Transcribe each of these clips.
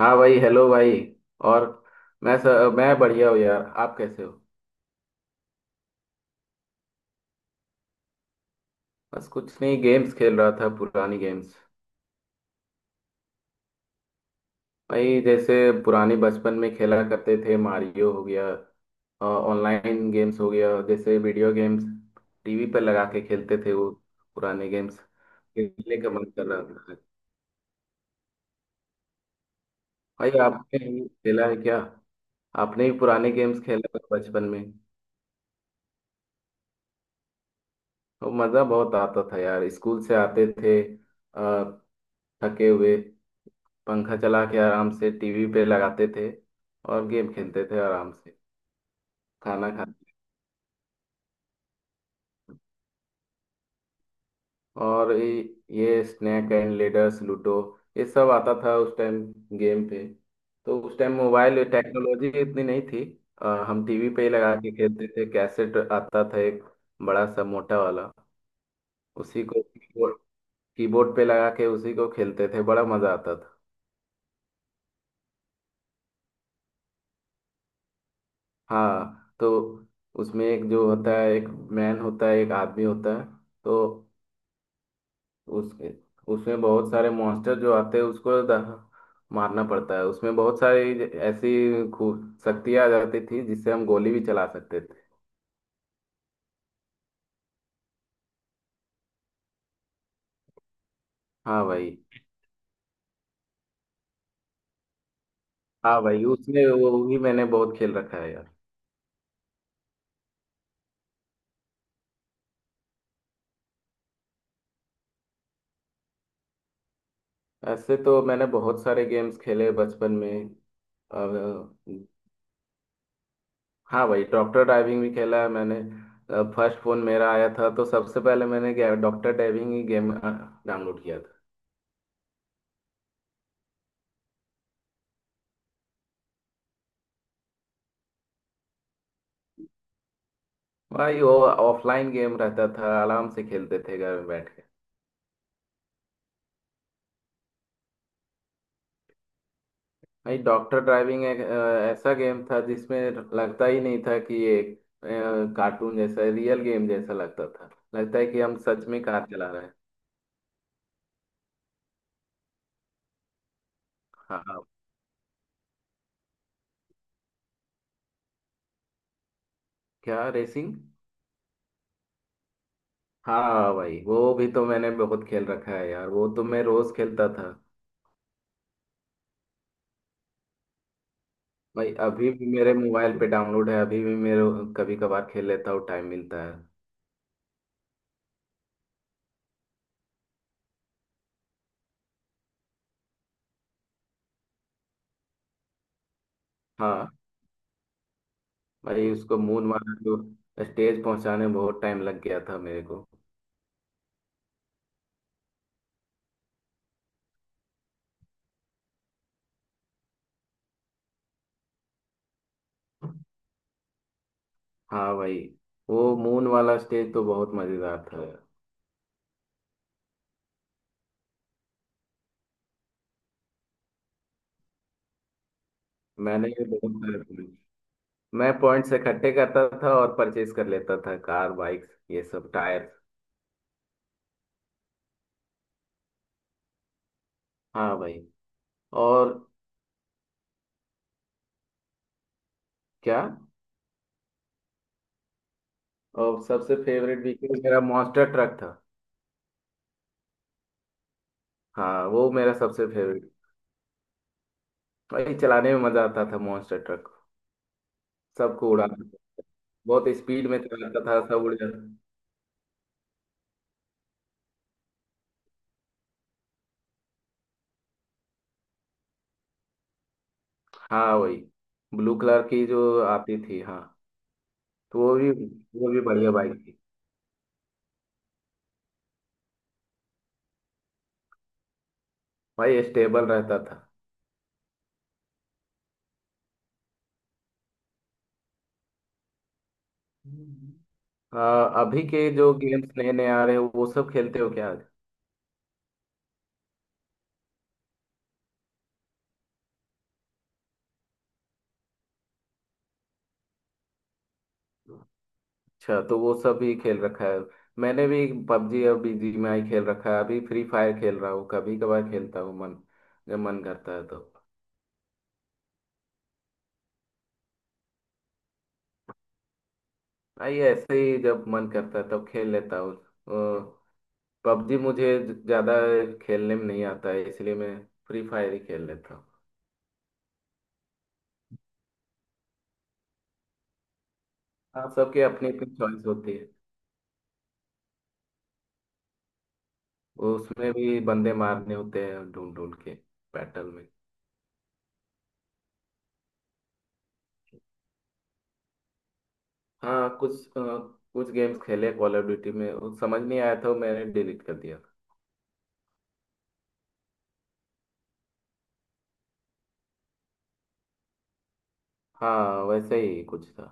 हाँ भाई हेलो भाई। और मैं सर मैं बढ़िया हूँ यार, आप कैसे हो। बस कुछ नहीं, गेम्स खेल रहा था, पुरानी गेम्स। भाई जैसे पुराने बचपन में खेला करते थे, मारियो हो गया, ऑनलाइन गेम्स हो गया, जैसे वीडियो गेम्स टीवी पर लगा के खेलते थे वो, पुराने गेम्स, खेलने का मन कर रहा था। भाई आपने भी खेला है क्या, आपने भी पुराने गेम्स खेला था बचपन में। तो मज़ा बहुत आता था यार, स्कूल से आते थे अ, थके हुए, पंखा चला के आराम से टीवी पे लगाते थे और गेम खेलते थे आराम से। खाना खाते और ये स्नैक एंड लेडर्स, लूडो, ये सब आता था उस टाइम गेम पे। तो उस टाइम मोबाइल टेक्नोलॉजी इतनी नहीं थी। हम टीवी पे ही लगा के खेलते थे, कैसेट आता था एक, बड़ा सा मोटा वाला। उसी को कीबोर्ड, कीबोर्ड पे लगा के उसी को खेलते थे, बड़ा मजा आता था। हाँ तो उसमें एक जो होता है, एक मैन होता है, एक आदमी होता है तो उसके, उसमें बहुत सारे मॉन्स्टर जो आते हैं उसको मारना पड़ता है। उसमें बहुत सारी ऐसी खूब शक्तियाँ आ जाती थी जिससे हम गोली भी चला सकते थे। हाँ भाई। हाँ भाई, उसमें वो भी मैंने बहुत खेल रखा है यार। ऐसे तो मैंने बहुत सारे गेम्स खेले बचपन में। अब, हाँ भाई, डॉक्टर डाइविंग भी खेला है मैंने। फर्स्ट फोन मेरा आया था तो सबसे पहले मैंने डॉक्टर डाइविंग ही गेम डाउनलोड किया था। भाई वो ऑफलाइन गेम रहता था, आराम से खेलते थे घर में बैठ के। भाई डॉक्टर ड्राइविंग एक ऐसा गेम था जिसमें लगता ही नहीं था कि ये कार्टून जैसा, रियल गेम जैसा लगता था। लगता है कि हम सच में कार चला रहे हैं। हाँ हाँ। क्या रेसिंग। हाँ हाँ, भाई वो भी तो मैंने बहुत खेल रखा है यार, वो तो मैं रोज खेलता था। भाई अभी भी मेरे मोबाइल पे डाउनलोड है, अभी भी मेरे, कभी कभार खेल लेता हूँ, टाइम मिलता है। हाँ भाई, उसको मून मारा तो स्टेज पहुंचाने में बहुत टाइम लग गया था मेरे को। हाँ भाई, वो मून वाला स्टेज तो बहुत मजेदार था। मैंने ये बहुत सारे पॉइंट, मैं पॉइंट्स इकट्ठे करता था और परचेज कर लेता था, कार, बाइक, ये सब, टायर। हाँ भाई। और क्या। और सबसे फेवरेट व्हीकल मेरा मॉन्स्टर ट्रक था। हाँ वो मेरा सबसे फेवरेट। भाई चलाने में मजा आता था मॉन्स्टर ट्रक, सबको उड़ाता था, बहुत स्पीड में चलाता था, सब उड़ जाता। हाँ भाई, ब्लू कलर की जो आती थी, हाँ तो वो भी, वो भी बढ़िया बाइक थी। भाई स्टेबल रहता था। हम्म। आ, अभी के जो गेम्स नए नए आ रहे हैं वो सब खेलते हो क्या। अच्छा तो वो सब भी खेल रखा है। मैंने भी पबजी और बीजीएमआई खेल रखा है, अभी फ्री फायर खेल रहा हूँ, कभी कभार खेलता हूँ, मन, जब मन करता है तो। भाई ऐसे ही जब मन करता है तब खेल लेता हूँ। पबजी मुझे ज़्यादा खेलने में नहीं आता है, इसलिए मैं फ्री फायर ही खेल लेता हूँ। हाँ, सबके अपनी अपनी चॉइस होती है। उसमें भी बंदे मारने होते हैं, ढूंढ ढूंढ के, बैटल। हाँ कुछ कुछ गेम्स खेले कॉल ऑफ ड्यूटी में, वो समझ नहीं आया था, वो मैंने डिलीट कर दिया। हाँ वैसे ही कुछ था।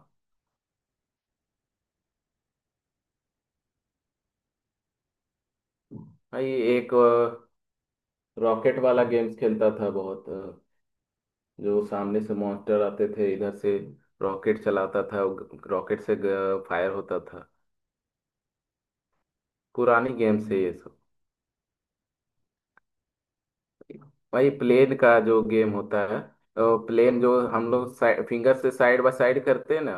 हाँ ये एक रॉकेट वाला गेम्स खेलता था बहुत, जो सामने से मॉन्स्टर आते थे इधर से, रॉकेट चलाता था, रॉकेट से फायर होता था। पुरानी गेम्स है ये सब। भाई प्लेन का जो गेम होता है, प्लेन जो हम लोग फिंगर से साइड बाय साइड करते हैं ना,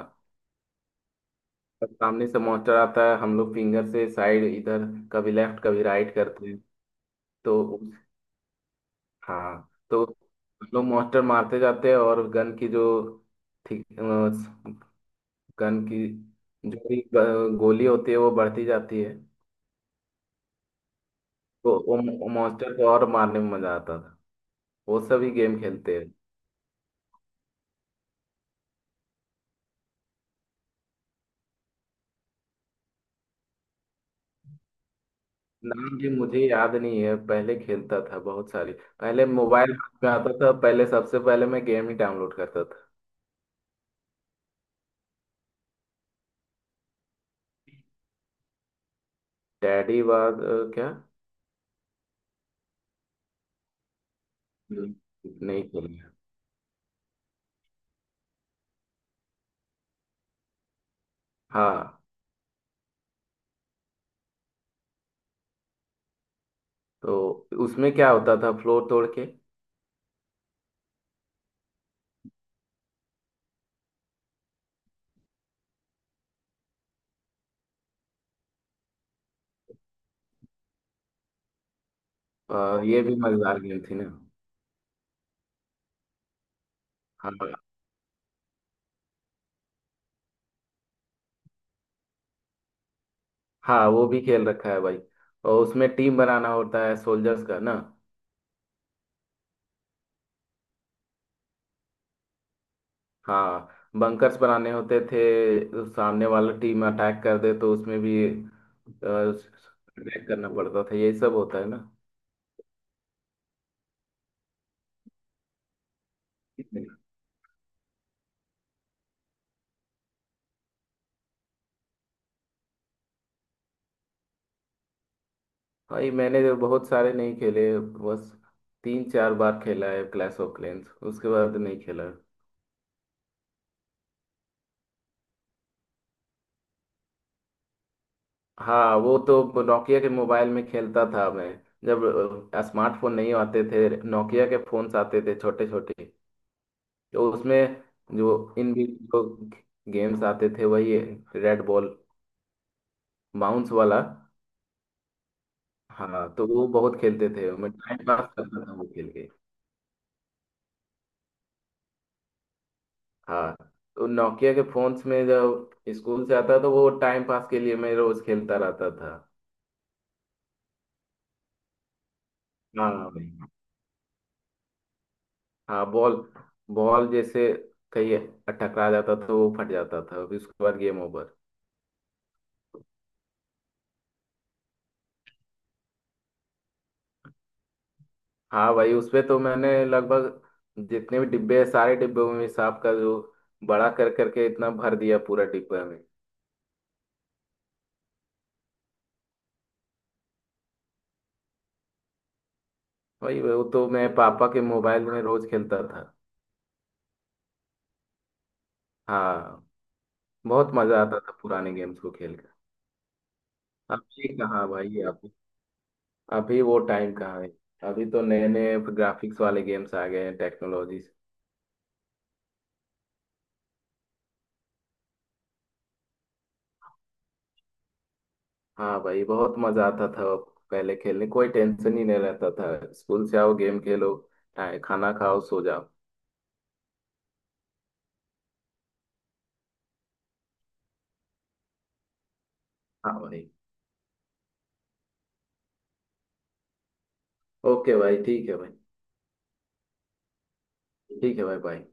और सामने से मॉन्स्टर आता है, हम लोग फिंगर से साइड इधर, कभी लेफ्ट कभी राइट करते हैं। तो उस- हाँ तो हम लोग मॉन्स्टर मारते जाते हैं और गन की जो, ठीक, गन की जो भी गोली होती है वो बढ़ती जाती है, तो वो मॉन्स्टर को और मारने में मजा आता था। वो सभी गेम खेलते हैं। नाम भी मुझे याद नहीं है, पहले खेलता था बहुत सारी, पहले मोबाइल हाथ में आता था पहले, सबसे पहले मैं गेम ही डाउनलोड करता था। डैडी बाद क्या। इतने ही खेले। हाँ तो उसमें क्या होता था फ्लोर तोड़ के। ये भी मजेदार गेम थी ना। हाँ। हाँ वो भी खेल रखा है भाई, और उसमें टीम बनाना होता है सोल्जर्स का ना। हाँ, बंकर्स बनाने होते थे, सामने वाला टीम अटैक कर दे तो उसमें भी अटैक करना पड़ता था, यही सब होता है ना। भाई मैंने जो बहुत सारे नहीं खेले, बस 3 4 बार खेला है क्लैश ऑफ क्लैंस, उसके बाद नहीं खेला। हाँ वो तो नोकिया के मोबाइल में खेलता था मैं, जब स्मार्टफोन नहीं आते थे, नोकिया के फोन्स आते थे छोटे छोटे, तो उसमें जो इनबी जो गेम्स आते थे, वही रेड बॉल, बाउंस वाला। हाँ तो वो बहुत खेलते थे, मैं टाइम पास करता था वो खेल के। हाँ तो नोकिया के फोन्स में जब स्कूल से आता तो वो टाइम पास के लिए मैं रोज खेलता रहता था। हाँ भाई, हाँ बॉल, बॉल जैसे कहीं टकरा जाता था वो फट जाता था, फिर उसके बाद गेम ओवर। हाँ भाई उसपे तो मैंने लगभग जितने भी डिब्बे हैं, सारे डिब्बों में सांप का जो बड़ा कर करके इतना भर दिया पूरा डिब्बा में। भाई वो तो मैं पापा के मोबाइल में रोज खेलता था। हाँ। बहुत मजा आता था पुराने गेम्स को खेल कर। अभी कहाँ भाई, अभी, अभी वो टाइम कहाँ है। अभी तो नए नए ग्राफिक्स वाले गेम्स आ गए हैं, टेक्नोलॉजी। हाँ भाई बहुत मजा आता था। अब, पहले खेलने कोई टेंशन ही नहीं रहता था, स्कूल से आओ, गेम खेलो, खाना खाओ, सो जाओ। हाँ भाई। ओके भाई, ठीक है भाई। ठीक है भाई, बाय।